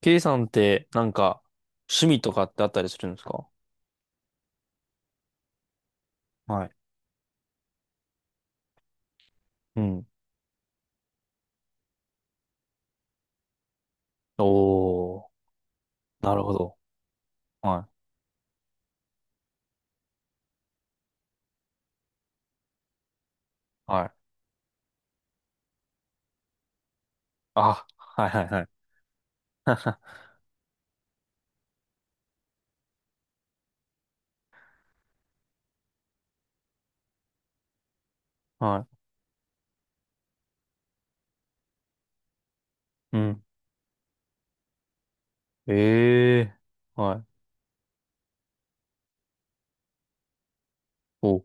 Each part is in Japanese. K さんってなんか趣味とかってあったりするんですか？はい。うん。おー、なるほど。はいはい。あ、はいはいはい。はい。うん。ええー。はい。お、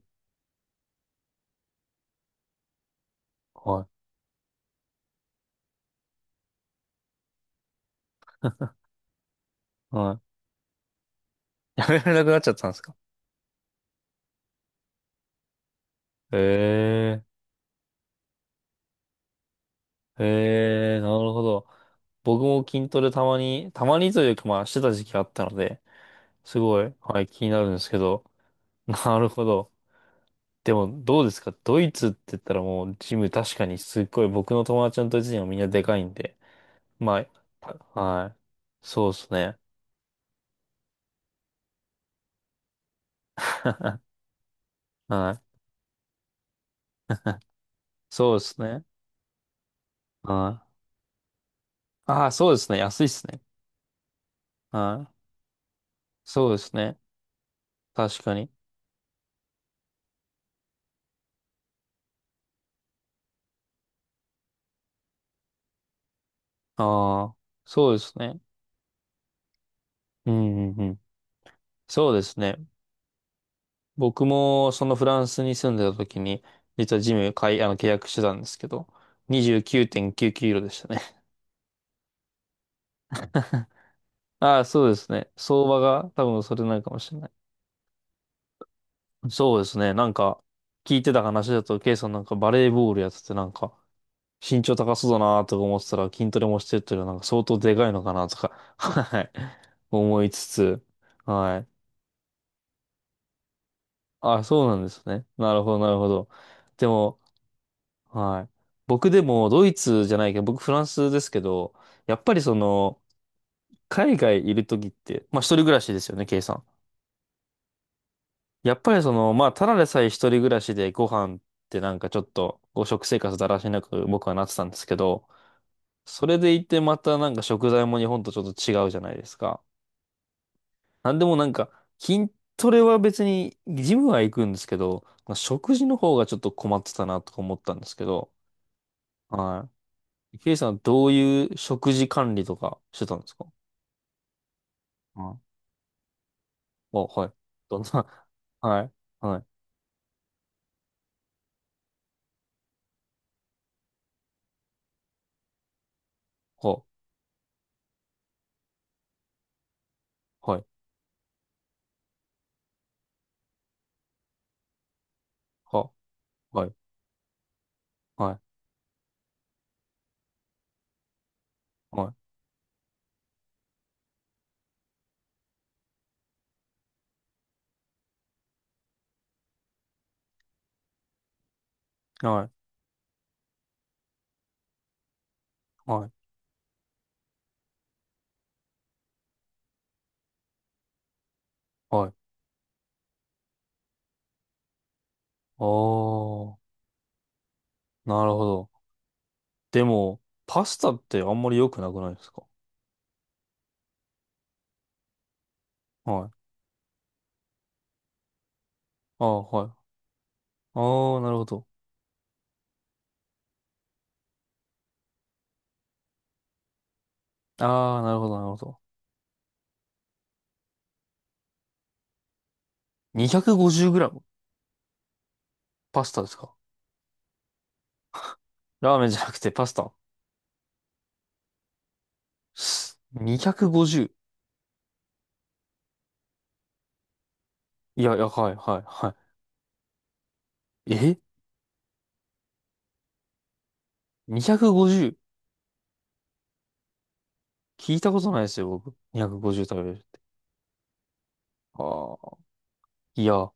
はい。はい。やめられなくなっちゃったんですか？ええー。ええー、なるほど。僕も筋トレたまに、たまにというかまあしてた時期があったので、すごい、はい、気になるんですけど。なるほど。でも、どうですか？ドイツって言ったらもう、ジム確かにすっごい、僕の友達のドイツ人はみんなでかいんで。まあ、はい。そうですね。はい。そうですね。はい。ああ、そうですね。安いですね。はい。そうですね。確かに。ああ、そうですね。うん、うん、うん。そうですね。僕もそのフランスに住んでた時に、実はジム買い、あの、契約してたんですけど、29.99ユーロでしたね。ああ、そうですね。相場が多分それなんかもしれない。そうですね。なんか、聞いてた話だと、ケイさんなんかバレーボールやっててなんか、身長高そうだなとか思ってたら筋トレもしてるというのはなんか相当でかいのかなとか、はい。思いつつ、はい。あ、そうなんですね。なるほど、なるほど。でも、はい。僕でもドイツじゃないけど、僕フランスですけど、やっぱりその、海外いるときって、まあ一人暮らしですよね、ケイさん。やっぱりその、まあただでさえ一人暮らしでご飯ってなんかちょっと、食生活だらしなく僕はなってたんですけど、それでいてまたなんか食材も日本とちょっと違うじゃないですか。なんでもなんか、筋トレは別に、ジムは行くんですけど、まあ、食事の方がちょっと困ってたなとか思ったんですけど、はい。ケイさん、どういう食事管理とかしてたんですか？はい。あ、はい。どんな、はい。はい。は、はい。は、はい。はい。はい。はい。はい。はい。あー、なるほど。でも、パスタってあんまり良くなくないですか？はい。あー、はい。あー、なるほど。あー、なるほど、なるほど。250g? パスタですか？ラーメンじゃなくてパスタ ?250? いや、いや、はい、はい、はい。え ?250? 聞いたことないですよ、僕。250食べるって。ああ。いや、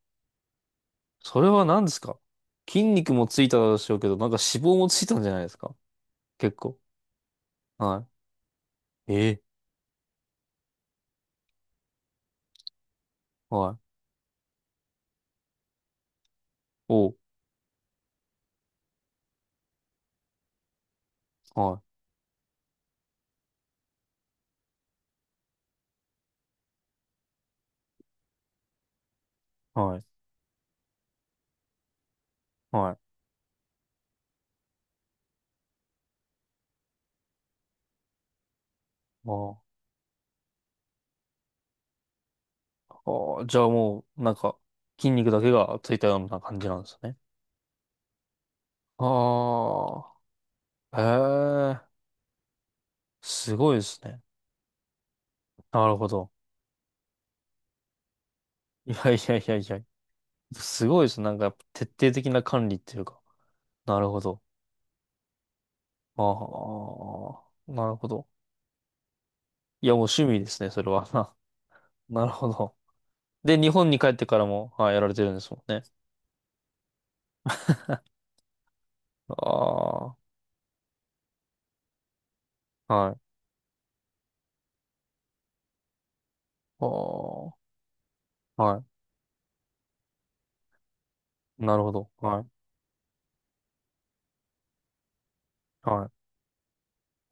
それは何ですか？筋肉もついたでしょうけど、なんか脂肪もついたんじゃないですか？結構。はい。ええ。はい。おう。はい。はい。はい。あーあー。あ、じゃあもう、なんか、筋肉だけがついたような感じなんですね。ああ。ええ、すごいですね。なるほど。いやいやいやいや。すごいですね。なんか、徹底的な管理っていうか。なるほど。ああ。なるほど。いや、もう趣味ですね、それは。なるほど。で、日本に帰ってからも、はい、やられてるんですもんね。ああ、はい。ああ、はい。なるほど。はい。は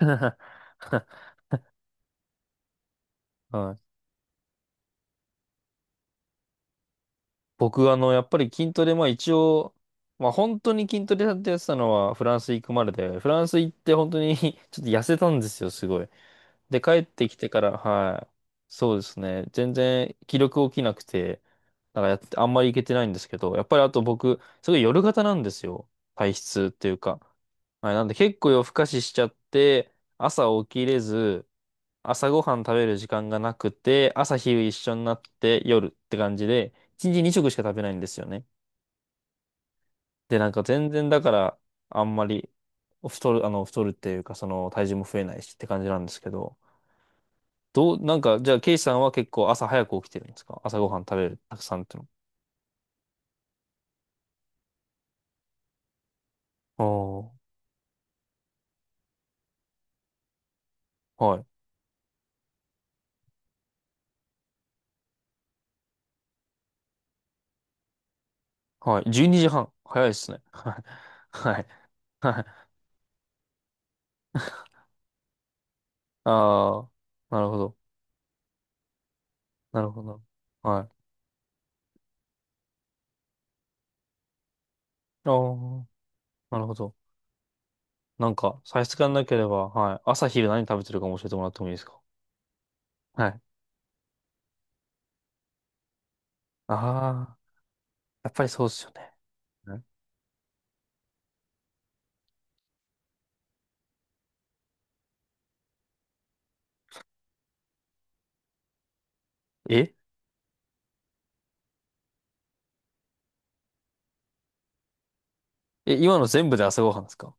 い。はい。僕、やっぱり筋トレ、まあ一応、まあ本当に筋トレやってたのはフランス行くまでで、フランス行って本当に ちょっと痩せたんですよ、すごい。で、帰ってきてから、はい。そうですね。全然気力起きなくて、なんかやって、あんまり行けてないんですけど、やっぱりあと僕、すごい夜型なんですよ。体質っていうか。はい、なんで結構夜更かししちゃって、朝起きれず、朝ごはん食べる時間がなくて、朝昼一緒になって夜って感じで、一日二食しか食べないんですよね。で、なんか全然だから、あんまり太るっていうか、その体重も増えないしって感じなんですけど、なんか、じゃあ、ケイシさんは結構朝早く起きてるんですか？朝ごはん食べる、たくさんっての。ああ、はい。はい。12時半。早いですね。はい。はい。はい。ああ、なるほど。なるほど。はい。ああ、なるほど。なんか、差し支えなければ、はい。朝昼何食べてるかも教えてもらってもいいですか？はい。ああ、やっぱりそうですよね。はい。ええ、今の全部で朝ごはんですか？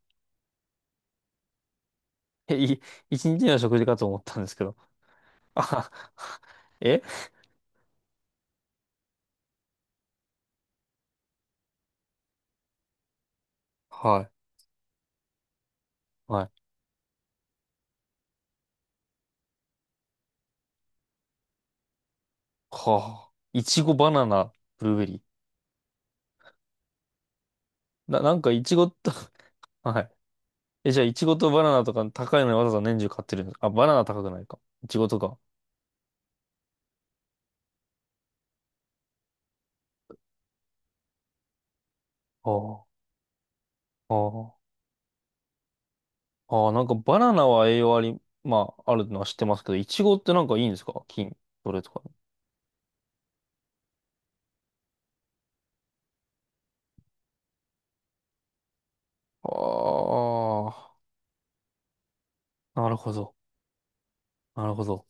え、一日の食事かと思ったんですけど。あはは。え、はい。はい。はあ。いちご、バナナ、ブルーベリー。なんかいちごと、はい。え、じゃあ、いちごとバナナとか高いのにわざわざ年中買ってるんですか？あ、バナナ高くないか。いちごとか。ああ、ああ、ああ、なんかバナナは栄養あり、まあ、あるのは知ってますけど、いちごってなんかいいんですか？筋トレとかに。ああ、なるほど。なるほど。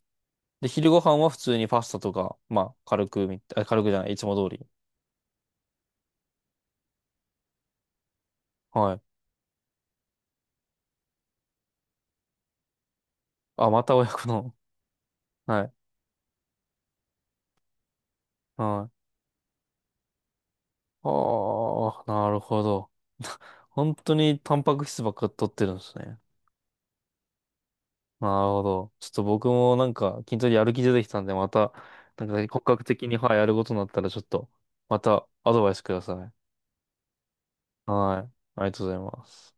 で、昼ご飯は普通にパスタとか、まあ、軽くみたい、あ軽くじゃない、いつも通り。はい。あ、また親子の。はい。はい。ああ、なるほど。本当にタンパク質ばっか取ってるんですね。なるほど。ちょっと僕もなんか筋トレやる気出てきたんで、また、なんか骨格的に、はい、やることになったら、ちょっと、またアドバイスください。はい。ありがとうございます。